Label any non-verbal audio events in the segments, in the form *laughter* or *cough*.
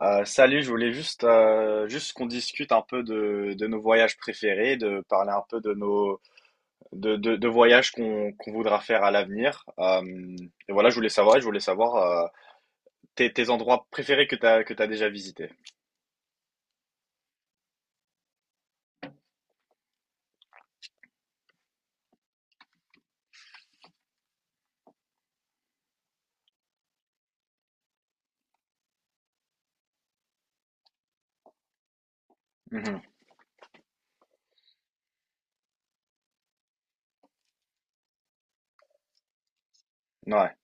Salut, je voulais juste, juste qu'on discute un peu de nos voyages préférés, de parler un peu de nos de voyages qu'on voudra faire à l'avenir. Et voilà, je voulais savoir tes endroits préférés que t'as déjà visités. Mhm. Ouais,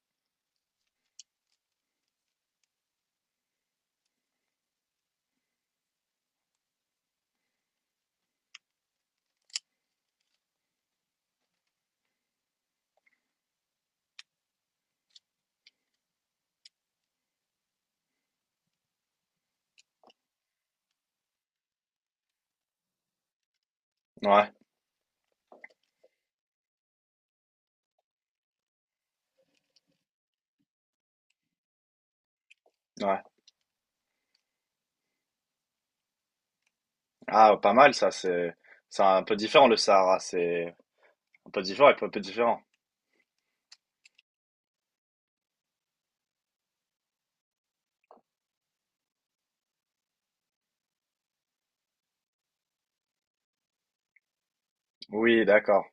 ouais, ouais. Ah, pas mal ça, c'est un peu différent le Sahara, c'est un peu différent, un peu différent. Oui, d'accord.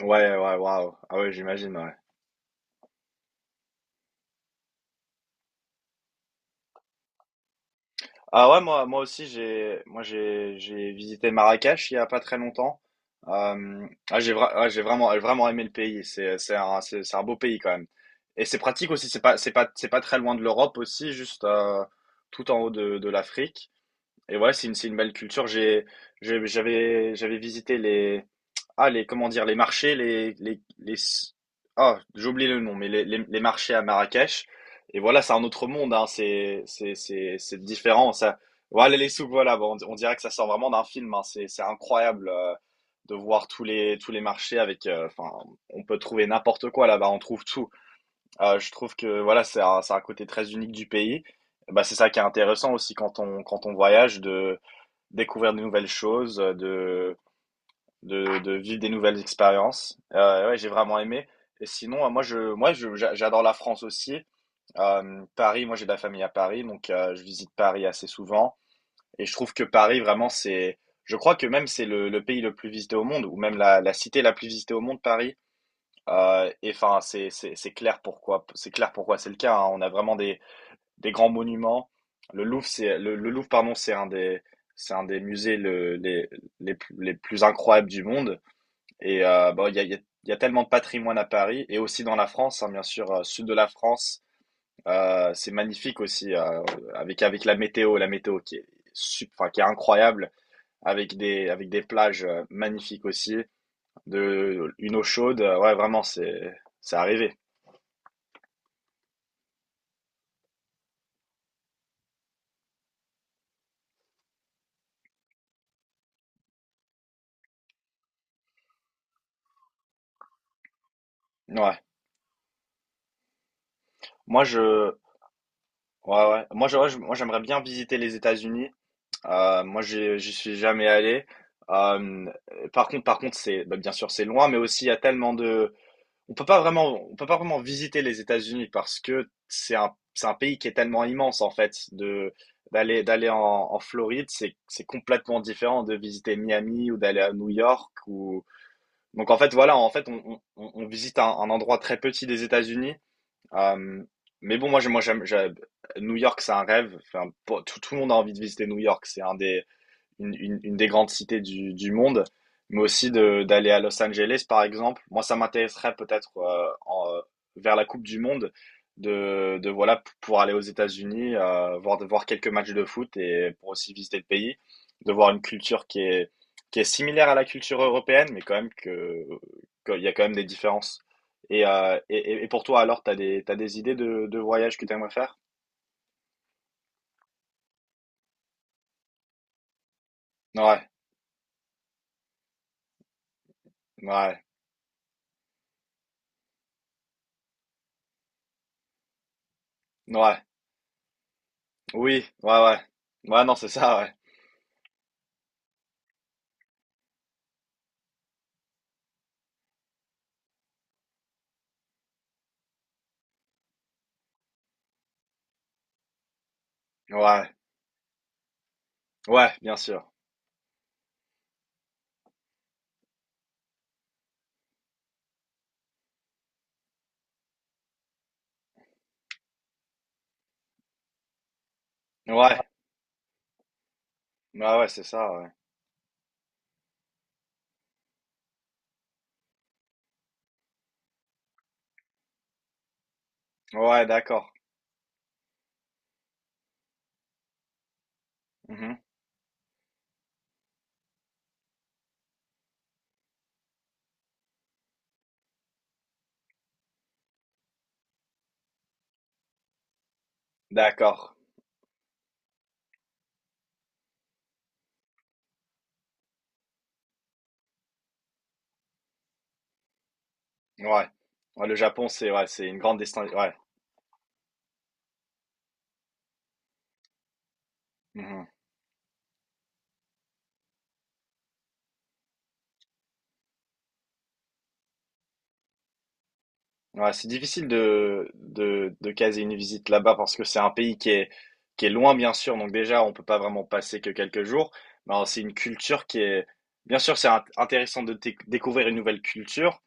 Ouais, ouais, waouh. Ah ouais, j'imagine. Ouais. Ah ouais, moi aussi, j'ai visité Marrakech il y a pas très longtemps. Ah, j'ai vra- ah, j'ai vraiment, J'ai vraiment aimé le pays. C'est un beau pays quand même. Et c'est pratique aussi. C'est pas très loin de l'Europe aussi, juste tout en haut de l'Afrique. Et ouais, c'est une belle culture. J'avais visité comment dire, les marchés, les, ah, j'ai oublié le nom, mais les marchés à Marrakech. Et voilà, c'est un autre monde, hein. C'est différent. Voilà, les souks, voilà. Bon, on dirait que ça sort vraiment d'un film, hein. C'est incroyable, de voir tous les marchés avec, enfin, on peut trouver n'importe quoi là-bas, on trouve tout. Je trouve que, voilà, c'est un côté très unique du pays. Bah, c'est ça qui est intéressant aussi quand on voyage de découvrir de nouvelles choses, de vivre des nouvelles expériences. Ouais, j'ai vraiment aimé. Et sinon, j'adore la France aussi. Paris, moi, j'ai de la famille à Paris, donc je visite Paris assez souvent. Et je trouve que Paris, vraiment, je crois que même c'est le pays le plus visité au monde, ou même la cité la plus visitée au monde, Paris. Et enfin, c'est clair pourquoi, c'est clair pourquoi c'est le cas. Hein. On a vraiment des grands monuments. Le Louvre, le Louvre, pardon, c'est un des musées les plus incroyables du monde. Et bon, il y a tellement de patrimoine à Paris et aussi dans la France, hein, bien sûr, sud de la France, c'est magnifique aussi avec la météo qui est enfin, qui est incroyable, avec des plages magnifiques aussi, de une eau chaude, ouais, vraiment, c'est arrivé. Ouais. Moi je ouais ouais, moi je- ouais, je- Moi j'aimerais bien visiter les États-Unis. Moi j'y suis jamais allé. Hem, Par contre, c'est bah, bien sûr, c'est loin, mais aussi il y a tellement de on peut pas vraiment visiter les États-Unis parce que c'est un pays qui est tellement immense, en fait, de d'aller en Floride, c'est complètement différent de visiter Miami ou d'aller à New York ou donc en fait, voilà, en fait, on visite un endroit très petit des États-Unis. Hem, mais bon, moi, j'ai moi, j'aime j'ai New York, c'est un rêve. Enfin, pour tout le monde a envie de visiter New York. C'est un des une des grandes cités du monde, mais aussi d'aller à Los Angeles, par exemple. Moi, ça m'intéresserait peut-être vers la Coupe du Monde de voilà pour aller aux États-Unis, voir de voir quelques matchs de foot et pour aussi visiter le pays, de voir une culture qui est similaire à la culture européenne, mais quand même que qu'il y a quand même des différences. Et, et pour toi, alors, t'as des idées de voyages que t'aimerais faire? Ouais, ouais, ouais, oui, ouais, ouais. Ouais, non, c'est ça, ouais. Ouais, ouais, bien sûr. Ouais, ouais, ouais, c'est ça, ouais. Ouais, d'accord. Mhm. D'accord. Ouais. Ouais, le Japon, c'est ouais, c'est une grande destination. Ouais. Mhm. Ouais, c'est difficile de caser une visite là-bas parce que c'est un pays qui est loin, bien sûr. Donc déjà, on peut pas vraiment passer que quelques jours. Mais alors, c'est une culture qui est… Bien sûr, c'est intéressant de découvrir une nouvelle culture.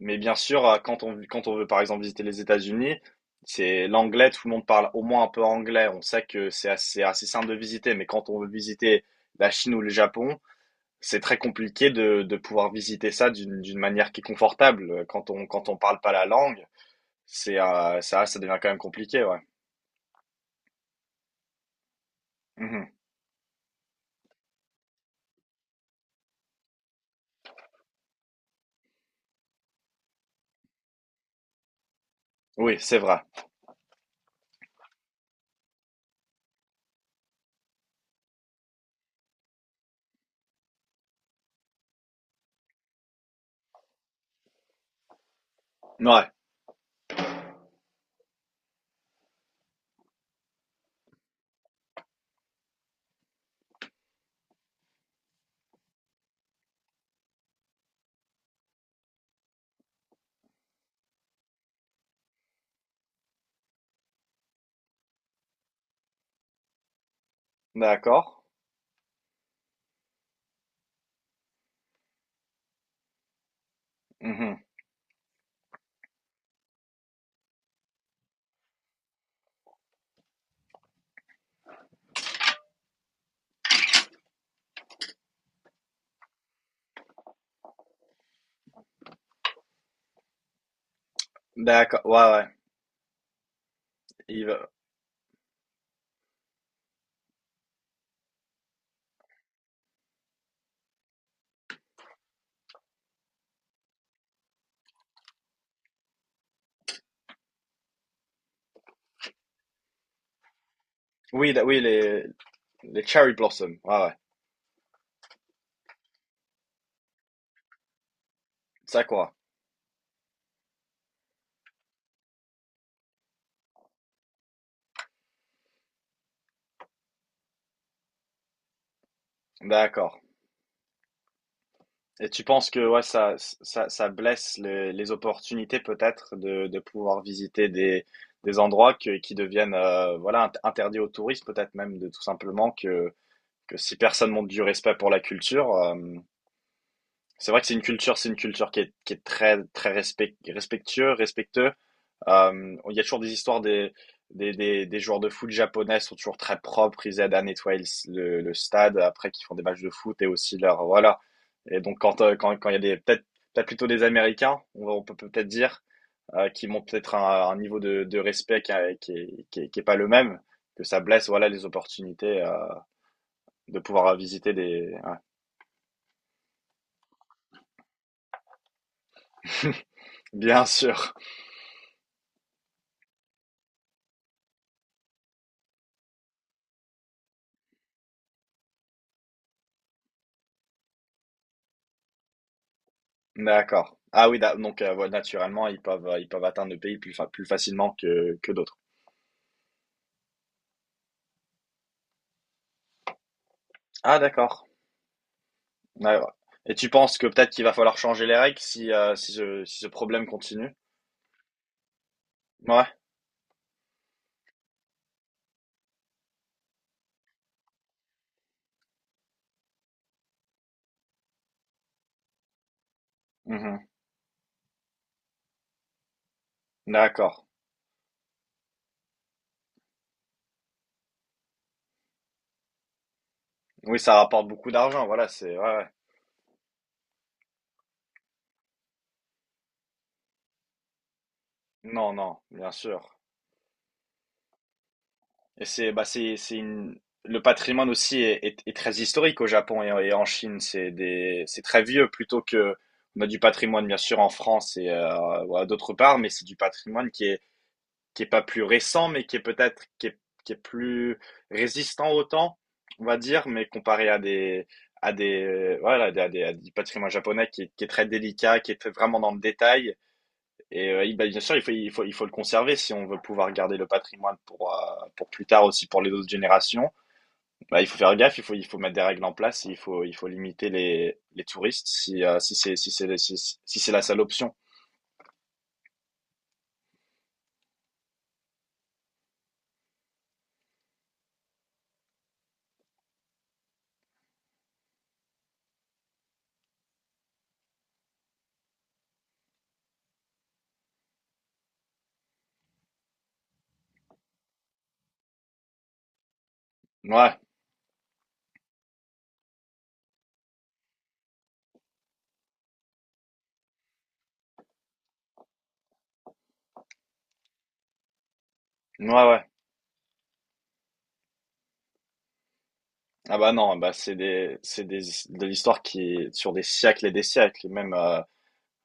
Mais bien sûr, quand on veut par exemple visiter les États-Unis, c'est l'anglais, tout le monde parle au moins un peu anglais. On sait que c'est assez, assez simple de visiter, mais quand on veut visiter la Chine ou le Japon, c'est très compliqué de pouvoir visiter ça d'une manière qui est confortable. Quand on parle pas la langue, ça devient quand même compliqué, ouais. Mhm. Oui, c'est vrai. Ouais, d'accord. Mhm. D'accord, ouais, ouais. Il va- Oui, oui, les cherry blossoms, ouais, ouais. Ça quoi? D'accord. Et tu penses que ouais, ça blesse les opportunités peut-être de pouvoir visiter des endroits qui deviennent voilà, interdits aux touristes, peut-être même de tout simplement que si personne montre du respect pour la culture, c'est vrai que c'est une culture qui est très, respectueux, il y a toujours des histoires des joueurs de foot japonais sont toujours très propres, ils aident à nettoyer le stade après qu'ils font des matchs de foot et aussi leur voilà. Et donc quand il y a des peut-être peut-être plutôt des Américains, on peut peut-être dire qui montrent peut-être un niveau de respect qui est pas le même, que ça blesse voilà les opportunités de pouvoir visiter des ouais. Bien *laughs* sûr. D'accord. Ah oui, donc voilà, naturellement ils peuvent atteindre le pays plus facilement que d'autres. Ah d'accord. Ouais, ouais. Et tu penses que peut-être qu'il va falloir changer les règles si, si ce, si ce problème continue? Ouais. Mhm. D'accord. Oui, ça rapporte beaucoup d'argent, voilà, c'est… Ouais, ouais. Non, non, bien sûr. Et c'est… Bah, c'est une… Le patrimoine aussi est, est très historique au Japon et en Chine. C'est des, c'est très vieux plutôt que… On a du patrimoine, bien sûr, en France et voilà, d'autre part, mais c'est du patrimoine qui est pas plus récent, mais qui est peut-être qui est plus résistant au temps, on va dire, mais comparé à des voilà à des, à du patrimoine japonais qui est très délicat, qui est très vraiment dans le détail. Et bah, bien sûr, il faut le conserver si on veut pouvoir garder le patrimoine pour plus tard aussi pour les autres générations. Bah, il faut faire gaffe, il faut mettre des règles en place, il faut limiter les touristes si si c'est si, si c'est la seule option. Ouais, ouais, ouais. Ah bah non, bah c'est des, de l'histoire qui est sur des siècles, et même,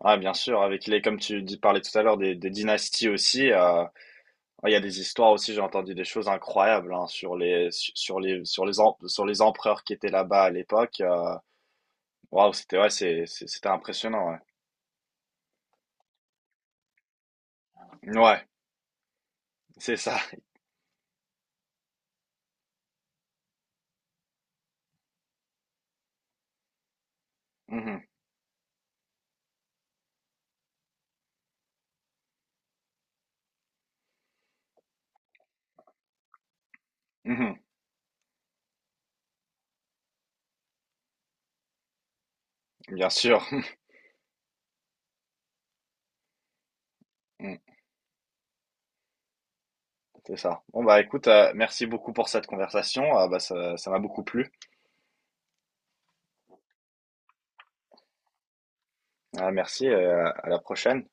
ah bien sûr, avec les, comme tu dis, parlais tout à l'heure, des dynasties aussi, ouais, il y a des histoires aussi, j'ai entendu des choses incroyables, hein, sur sur sur les, sur les empereurs qui étaient là-bas à l'époque, waouh, c'était impressionnant, ouais. Ouais, c'est ça. *laughs* Mhm, mhm, bien sûr, *laughs* Mhm, c'est ça. Bon bah écoute, merci beaucoup pour cette conversation. Ah bah ça, ça m'a beaucoup plu. Ah, merci, à la prochaine.